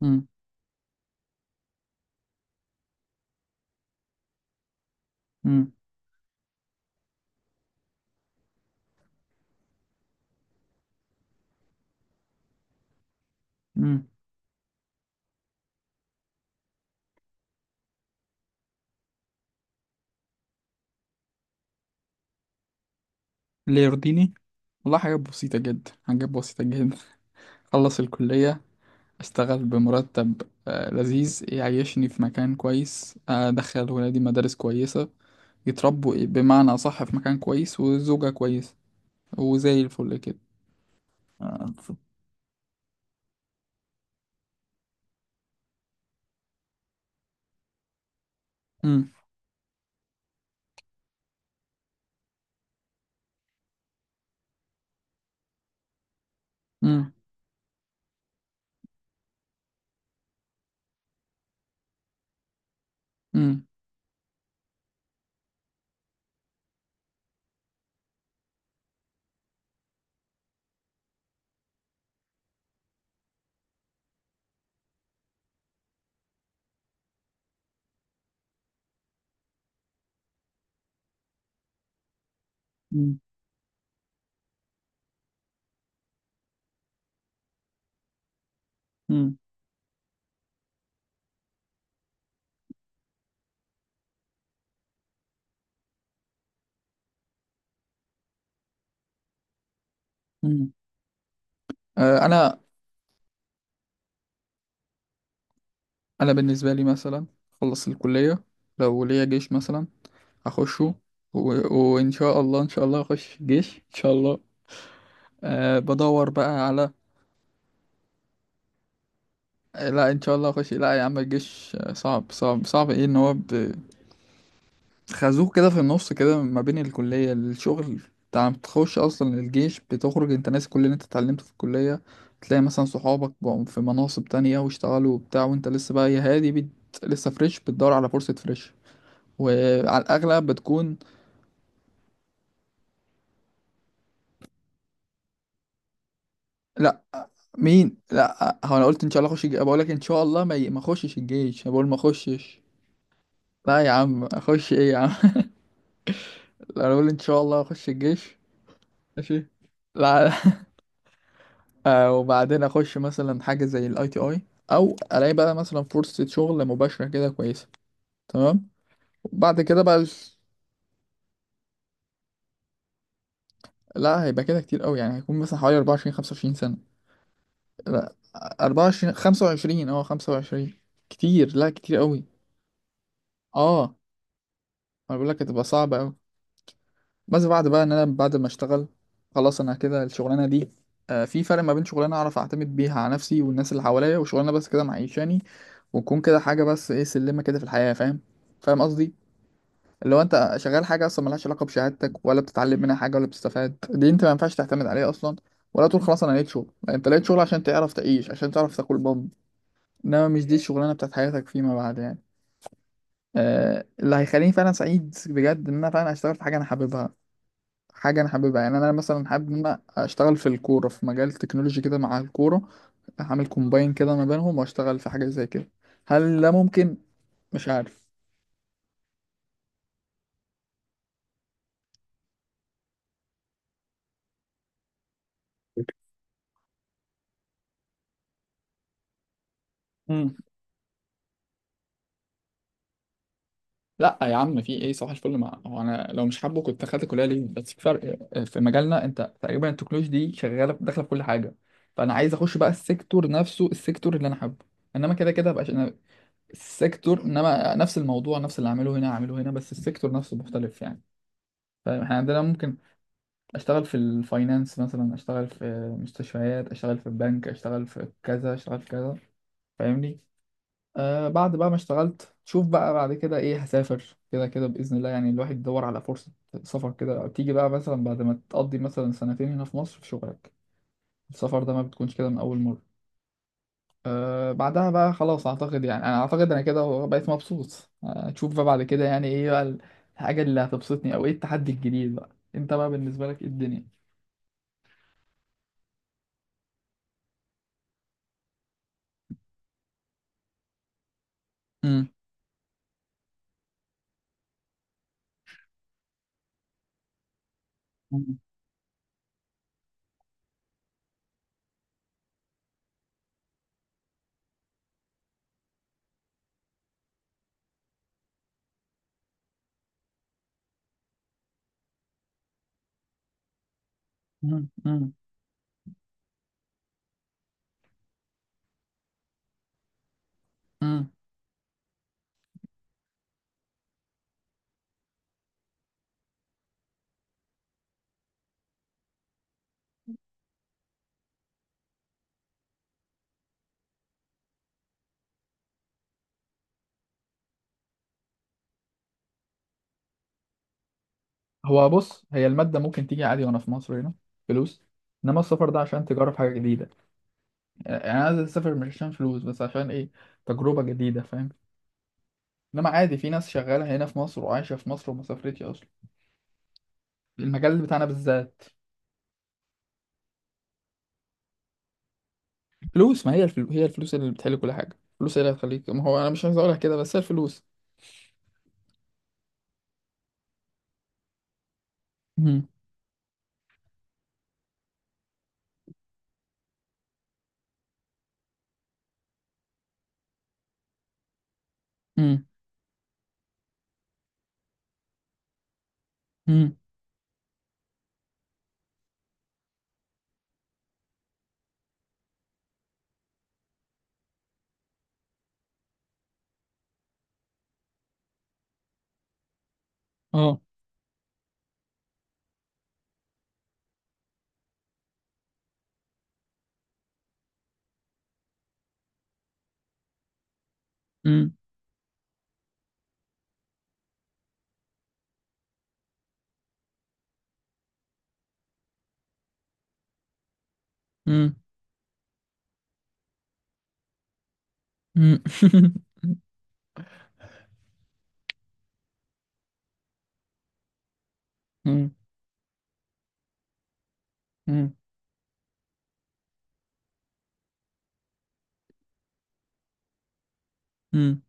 مم. مم. مم. اللي يرضيني، والله حاجات بسيطة جدا، حاجات بسيطة جدا. أخلص الكلية، أشتغل بمرتب آه، لذيذ، يعيشني في مكان كويس، أدخل ولادي مدارس كويسة، يتربوا إيه، بمعنى أصح في مكان كويس، وزوجة كويسة، وزي الفل كده. آه، ف- مم. مم. مم. مم. مم. مم. آه، أنا بالنسبة لي مثلا أخلص الكلية، لو ليا جيش مثلا أخشه و... وإن شاء الله، إن شاء الله أخش جيش إن شاء الله. أه بدور بقى على آه، لا، ان شاء الله اخش، لا يا عم الجيش آه، صعب صعب صعب، ايه ان هو خازوق كده في النص كده ما بين الكلية الشغل. انت عم تخش اصلا الجيش، بتخرج انت ناسي كل اللي انت اتعلمته في الكلية، تلاقي مثلا صحابك بقوا في مناصب تانية واشتغلوا وبتاع، وانت لسه بقى يا هادي لسه فريش، بتدور على فرصة فريش، وعلى الاغلب بتكون لا. مين؟ لا، هو انا قلت ان شاء الله اخش الجيش؟ بقول لك ان شاء الله ما اخشش الجيش، أنا بقول ما اخشش. لا يا عم اخش ايه يا عم، انا بقول ان شاء الله اخش الجيش. ماشي. لا آه، وبعدين اخش مثلا حاجه زي الاي تي اي، او الاقي بقى مثلا فرصه شغل مباشره كده كويسه، تمام. وبعد كده بقى لا، هيبقى كده كتير قوي، يعني هيكون مثلا حوالي 24 25 سنه. لا، 24 25، اه 25. كتير، لا كتير قوي. اه، انا بقول لك هتبقى صعبه قوي. بس بعد بقى ان انا بعد ما اشتغل خلاص، انا كده الشغلانه دي آه، في فرق ما بين شغلانه اعرف اعتمد بيها على نفسي والناس اللي حواليا، وشغلانه بس كده معيشاني، وتكون كده حاجه بس ايه، سلمه كده في الحياه، فاهم؟ فاهم قصدي؟ اللي هو انت شغال حاجه اصلا ملهاش علاقه بشهادتك، ولا بتتعلم منها حاجه، ولا بتستفاد، دي انت ما ينفعش تعتمد عليها اصلا، ولا تقول خلاص انا لقيت شغل. لا، انت لقيت شغل عشان تعرف تعيش، عشان تعرف تاكل بام، انما مش دي الشغلانه بتاعت حياتك فيما بعد يعني. آه، اللي هيخليني فعلا سعيد بجد ان انا فعلا اشتغل في حاجه انا حاببها، حاجة أنا حاببها، يعني أنا مثلا حابب إن أنا أشتغل في الكورة، في مجال تكنولوجي كده مع الكورة، أعمل كومباين كده ما بينهم وأشتغل في حاجة زي كده. هل ده ممكن؟ مش عارف. مم. لا يا عم في ايه، صباح الفل مع هو انا لو مش حابه كنت دخلت كليه ليه؟ بس في فرق، في مجالنا انت تقريبا التكنولوجي دي شغاله داخله في كل حاجه، فانا عايز اخش بقى السيكتور نفسه، السيكتور اللي انا حابه، انما كده كده بقى انا السيكتور، انما نفس الموضوع، نفس اللي اعمله هنا اعمله هنا، بس السيكتور نفسه مختلف يعني. فاحنا عندنا ممكن اشتغل في الفاينانس مثلا، اشتغل في مستشفيات، اشتغل في البنك، اشتغل في كذا، اشتغل في كذا، فاهمني؟ آه بعد بقى ما اشتغلت شوف بقى بعد كده ايه، هسافر كده كده بإذن الله، يعني الواحد يدور على فرصة سفر كده، تيجي بقى مثلا بعد ما تقضي مثلا سنتين هنا في مصر في شغلك، السفر ده ما بتكونش كده من أول مرة. آه بعدها بقى خلاص أعتقد، يعني أنا أعتقد أنا كده بقيت مبسوط. آه تشوف بقى بعد كده يعني ايه بقى الحاجة اللي هتبسطني، أو ايه التحدي الجديد بقى. انت بقى بالنسبة لك ايه الدنيا؟ مم. مم، مم، مم. هو بص، هي المادة ممكن تيجي عادي وانا في مصر هنا، فلوس، انما السفر ده عشان تجرب حاجة جديدة، يعني انا عايز اسافر مش عشان فلوس بس، عشان ايه، تجربة جديدة، فاهم؟ انما عادي، في ناس شغالة هنا في مصر وعايشة في مصر وما سافرتش اصلا، المجال بتاعنا بالذات. فلوس، ما هي هي الفلوس اللي بتحل كل حاجة، الفلوس هي اللي هتخليك، ما هو انا مش عايز اقولها كده بس هي الفلوس. مم، مم، مم، اه، مم، مم، مم. مم، مم، مم.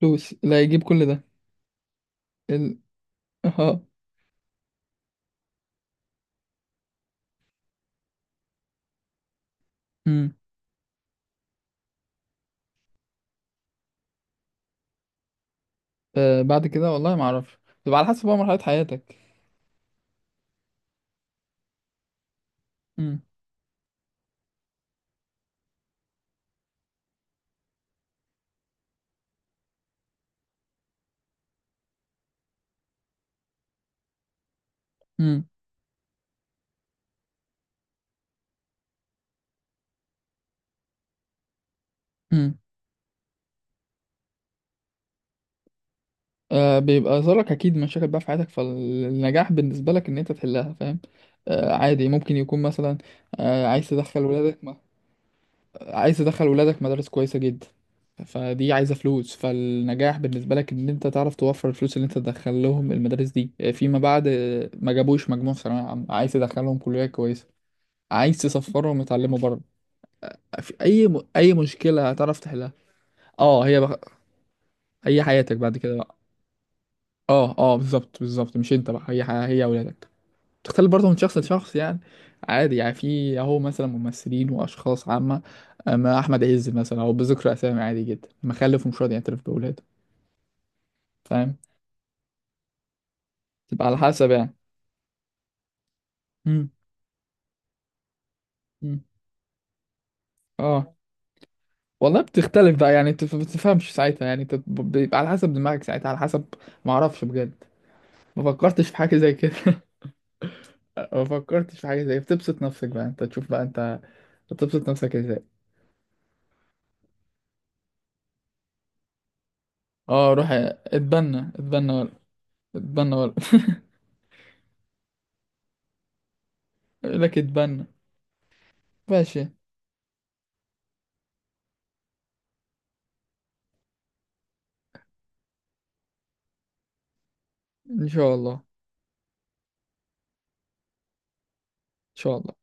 فلوس، اللي هيجيب كل ده ال... اه. امم. آه بعد كده والله ما اعرفش، بيبقى على حسب بقى مرحله حياتك. امم. امم. امم. آه بيبقى ظهرك اكيد مشاكل بقى في حياتك، فالنجاح بالنسبه لك ان انت تحلها، فاهم؟ آه عادي، ممكن يكون مثلا آه عايز تدخل ولادك ما، عايز تدخل ولادك مدارس كويسه جدا، فدي عايزه فلوس، فالنجاح بالنسبه لك ان انت تعرف توفر الفلوس اللي انت تدخل لهم المدارس دي، آه، فيما بعد آه، ما جابوش مجموع في ثانويه عامه، عايز تدخلهم كليه كويسه، عايز تسفرهم يتعلموا بره. في اي اي مشكله هتعرف تحلها. اه، هي بقى هي حياتك بعد كده بقى. اه اه بالظبط بالظبط، مش انت بقى، هي هي اولادك، تختلف برضه من شخص لشخص يعني. عادي يعني، في اهو مثلا ممثلين واشخاص عامه، اما احمد عز مثلا، او بذكر اسامي عادي جدا، مخلف ومش راضي يعترف باولاده، فاهم؟ تبقى على حسب يعني. امم. امم. اه، والله بتختلف بقى يعني، انت ما بتفهمش ساعتها، يعني انت بيبقى على حسب دماغك ساعتها، على حسب، ما اعرفش بجد. ما فكرتش في حاجه زي كده. ما فكرتش في حاجه زي، بتبسط نفسك بقى انت، تشوف بقى انت بتبسط نفسك ازاي. اه روح اتبنى، اتبنى ولا اتبنى ولا لك اتبنى. ماشي، ان شاء الله، ان شاء الله.